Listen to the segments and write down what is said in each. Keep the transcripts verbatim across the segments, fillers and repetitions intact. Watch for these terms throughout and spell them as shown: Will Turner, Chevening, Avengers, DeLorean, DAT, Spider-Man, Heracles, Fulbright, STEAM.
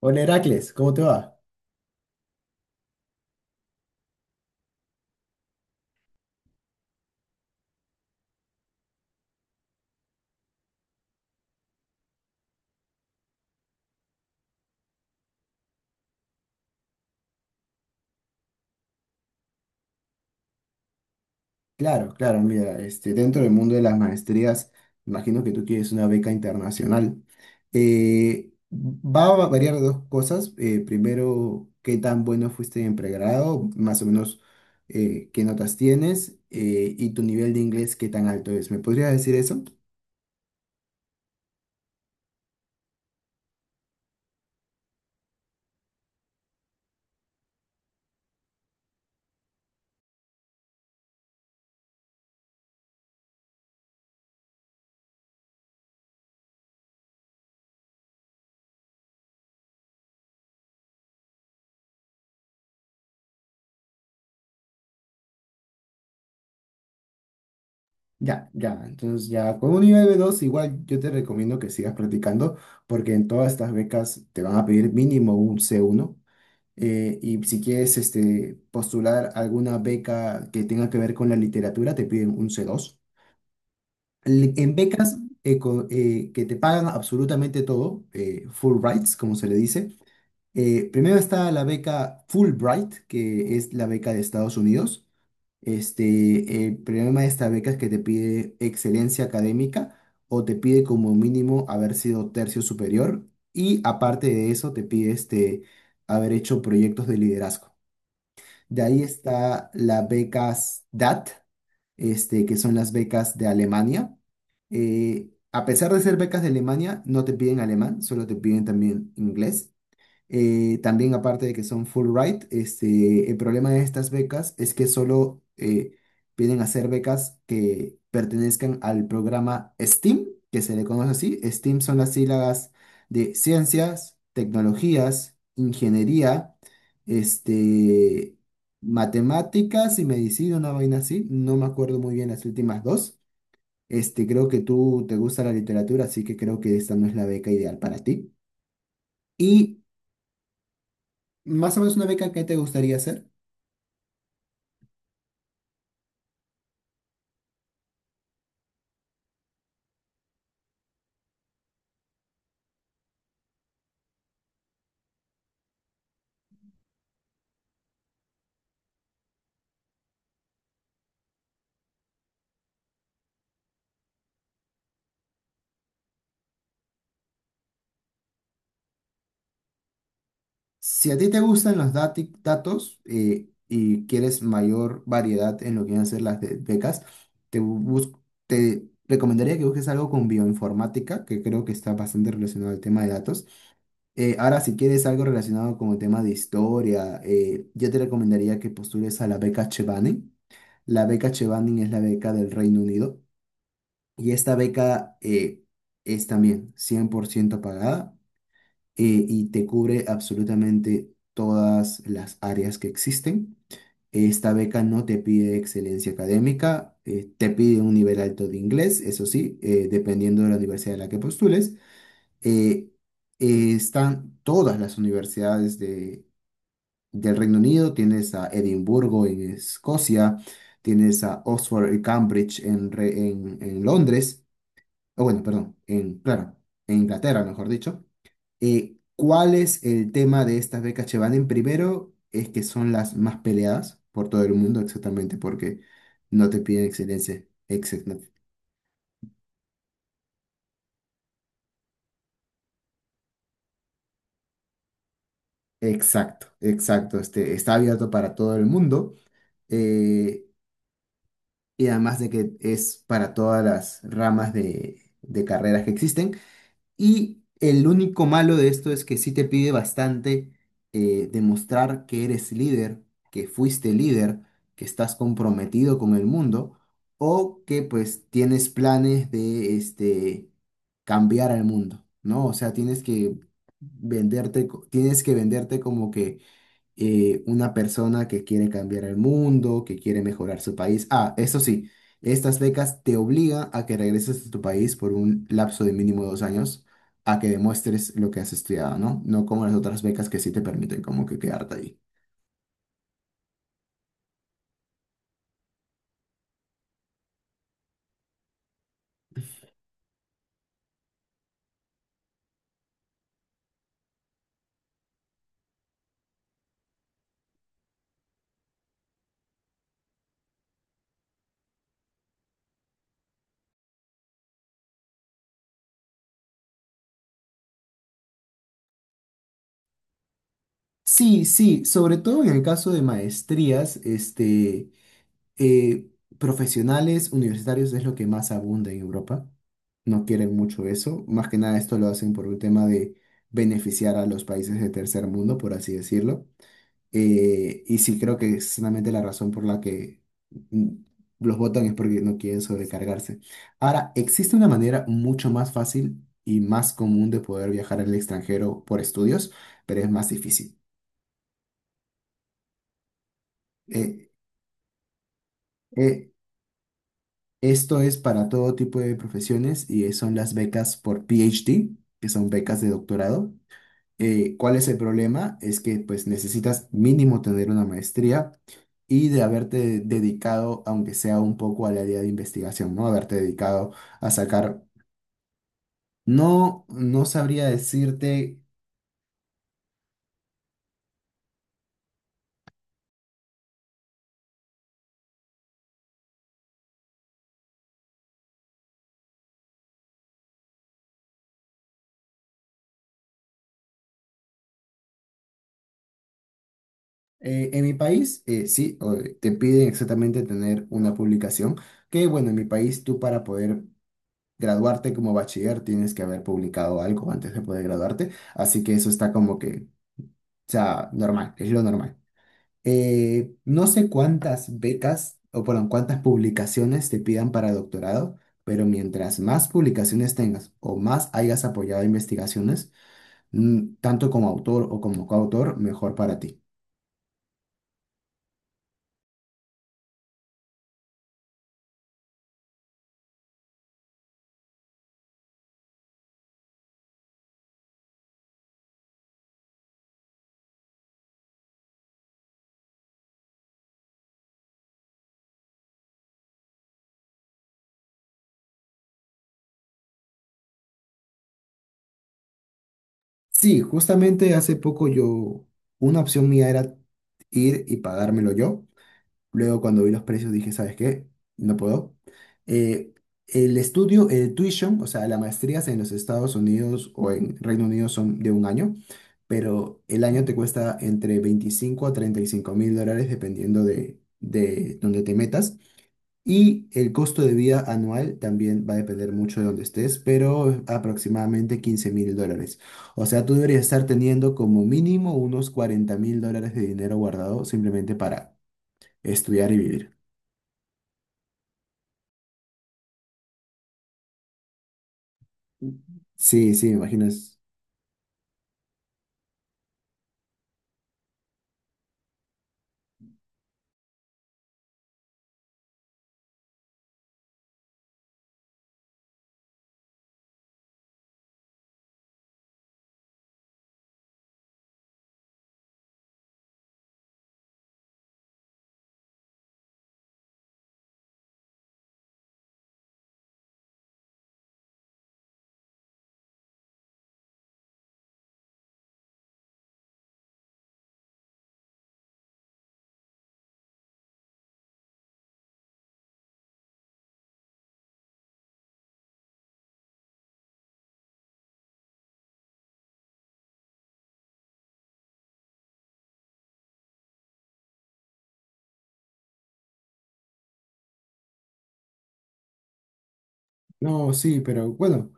Hola Heracles, ¿cómo te va? Claro, claro, mira, este, dentro del mundo de las maestrías, imagino que tú quieres una beca internacional. Eh, va a variar de dos cosas. Eh, primero, qué tan bueno fuiste en pregrado, más o menos eh, qué notas tienes eh, y tu nivel de inglés, qué tan alto es. ¿Me podrías decir eso? Ya, ya, entonces ya con un nivel b dos, igual yo te recomiendo que sigas practicando porque en todas estas becas te van a pedir mínimo un c uno. Eh, y si quieres este, postular alguna beca que tenga que ver con la literatura, te piden un c dos. Li- En becas eco- eh, que te pagan absolutamente todo, eh, Fulbrights, como se le dice. eh, primero está la beca Fulbright, que es la beca de Estados Unidos. Este, el problema de esta beca es que te pide excelencia académica o te pide como mínimo haber sido tercio superior y aparte de eso te pide este, haber hecho proyectos de liderazgo. De ahí está las becas D A T, este, que son las becas de Alemania. Eh, a pesar de ser becas de Alemania, no te piden alemán, solo te piden también inglés. Eh, también aparte de que son Fulbright, este, el problema de estas becas es que solo eh, vienen a ser becas que pertenezcan al programa STEAM, que se le conoce así. STEAM son las sílabas de ciencias, tecnologías, ingeniería, este, matemáticas y medicina, una vaina así. No me acuerdo muy bien las últimas dos. Este, creo que tú te gusta la literatura, así que creo que esta no es la beca ideal para ti. Y más o menos una beca que te gustaría hacer. Si a ti te gustan los dati- datos eh, y quieres mayor variedad en lo que van a ser las be- becas, te, bus- te recomendaría que busques algo con bioinformática, que creo que está bastante relacionado al tema de datos. Eh, ahora, si quieres algo relacionado con el tema de historia, eh, yo te recomendaría que postules a la beca Chevening. La beca Chevening es la beca del Reino Unido y esta beca eh, es también cien por ciento pagada eh, y te cubre absolutamente todas las áreas que existen. Esta beca no te pide excelencia académica, eh, te pide un nivel alto de inglés, eso sí, eh, dependiendo de la universidad a la que postules. Eh, eh, Están todas las universidades de- del Reino Unido, tienes a Edimburgo en Escocia, tienes a Oxford y Cambridge en, Re- en, en Londres, o bueno, perdón, en, claro, en Inglaterra, mejor dicho. Eh, ¿cuál es el tema de estas becas Chevanen? Primero, es que son las más peleadas por todo el mundo, exactamente, porque no te piden excelencia. Exacto, exacto, exacto. Este, está abierto para todo el mundo. eh, y además de que es para todas las ramas de, de carreras que existen. Y el único malo de esto es que sí te pide bastante eh, demostrar que eres líder, que fuiste líder, que estás comprometido con el mundo o que pues tienes planes de este cambiar al mundo, ¿no? O sea, tienes que venderte, co- tienes que venderte como que eh, una persona que quiere cambiar el mundo, que quiere mejorar su país. Ah, eso sí, estas becas te obligan a que regreses a tu país por un lapso de mínimo dos años, a que demuestres lo que has estudiado, ¿no? No como las otras becas que sí te permiten como que quedarte ahí. Sí, sí, sobre todo en el caso de maestrías, este... eh, profesionales universitarios es lo que más abunda en Europa. No quieren mucho eso. Más que nada esto lo hacen por un tema de beneficiar a los países de tercer mundo, por así decirlo. Eh, y sí creo que es solamente la razón por la que mm, los votan es porque no quieren sobrecargarse. Ahora, existe una manera mucho más fácil y más común de poder viajar al extranjero por estudios, pero es más difícil. Eh, eh, Esto es para todo tipo de profesiones y son las becas por PhD, que son becas de doctorado. Eh, ¿cuál es el problema? Es que pues necesitas mínimo tener una maestría y de haberte dedicado, aunque sea un poco al área de investigación, ¿no? Haberte dedicado a sacar, no, no sabría decirte, eh, en mi país, eh, sí, o- te piden exactamente tener una publicación, que bueno, en mi país tú para poder graduarte como bachiller tienes que haber publicado algo antes de poder graduarte, así que eso está como que, o sea, normal, es lo normal. Eh, no sé cuántas becas o, perdón, cuántas publicaciones te pidan para doctorado, pero mientras más publicaciones tengas o más hayas apoyado investigaciones, mm, tanto como autor o como coautor, mejor para ti. Sí, justamente hace poco yo, una opción mía era ir y pagármelo yo. Luego, cuando vi los precios, dije, ¿sabes qué? No puedo. Eh, el estudio, el tuition, o sea, las maestrías en los Estados Unidos o en Reino Unido son de un año, pero el año te cuesta entre veinticinco a treinta y cinco mil dólares dependiendo de, de dónde te metas. Y el costo de vida anual también va a depender mucho de dónde estés, pero aproximadamente quince mil dólares. O sea, tú deberías estar teniendo como mínimo unos cuarenta mil dólares de dinero guardado simplemente para estudiar y vivir. Sí, sí, me imagino. es- No, sí, pero bueno,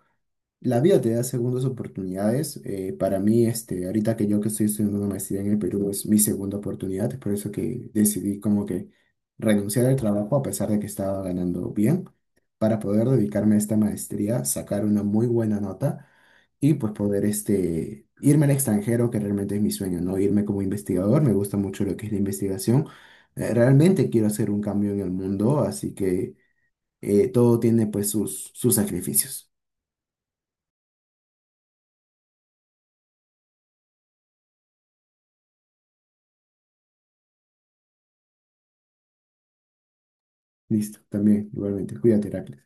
la vida te da segundas oportunidades. eh, para mí, este, ahorita que yo que estoy estudiando una maestría en el Perú, es mi segunda oportunidad. Es por eso que decidí como que renunciar al trabajo a pesar de que estaba ganando bien, para poder dedicarme a esta maestría, sacar una muy buena nota y pues poder este, irme al extranjero, que realmente es mi sueño, ¿no? Irme como investigador, me gusta mucho lo que es la investigación. eh, Realmente quiero hacer un cambio en el mundo, así que... eh, todo tiene pues sus, sus sacrificios. Listo, también, igualmente. Cuídate, Heracles.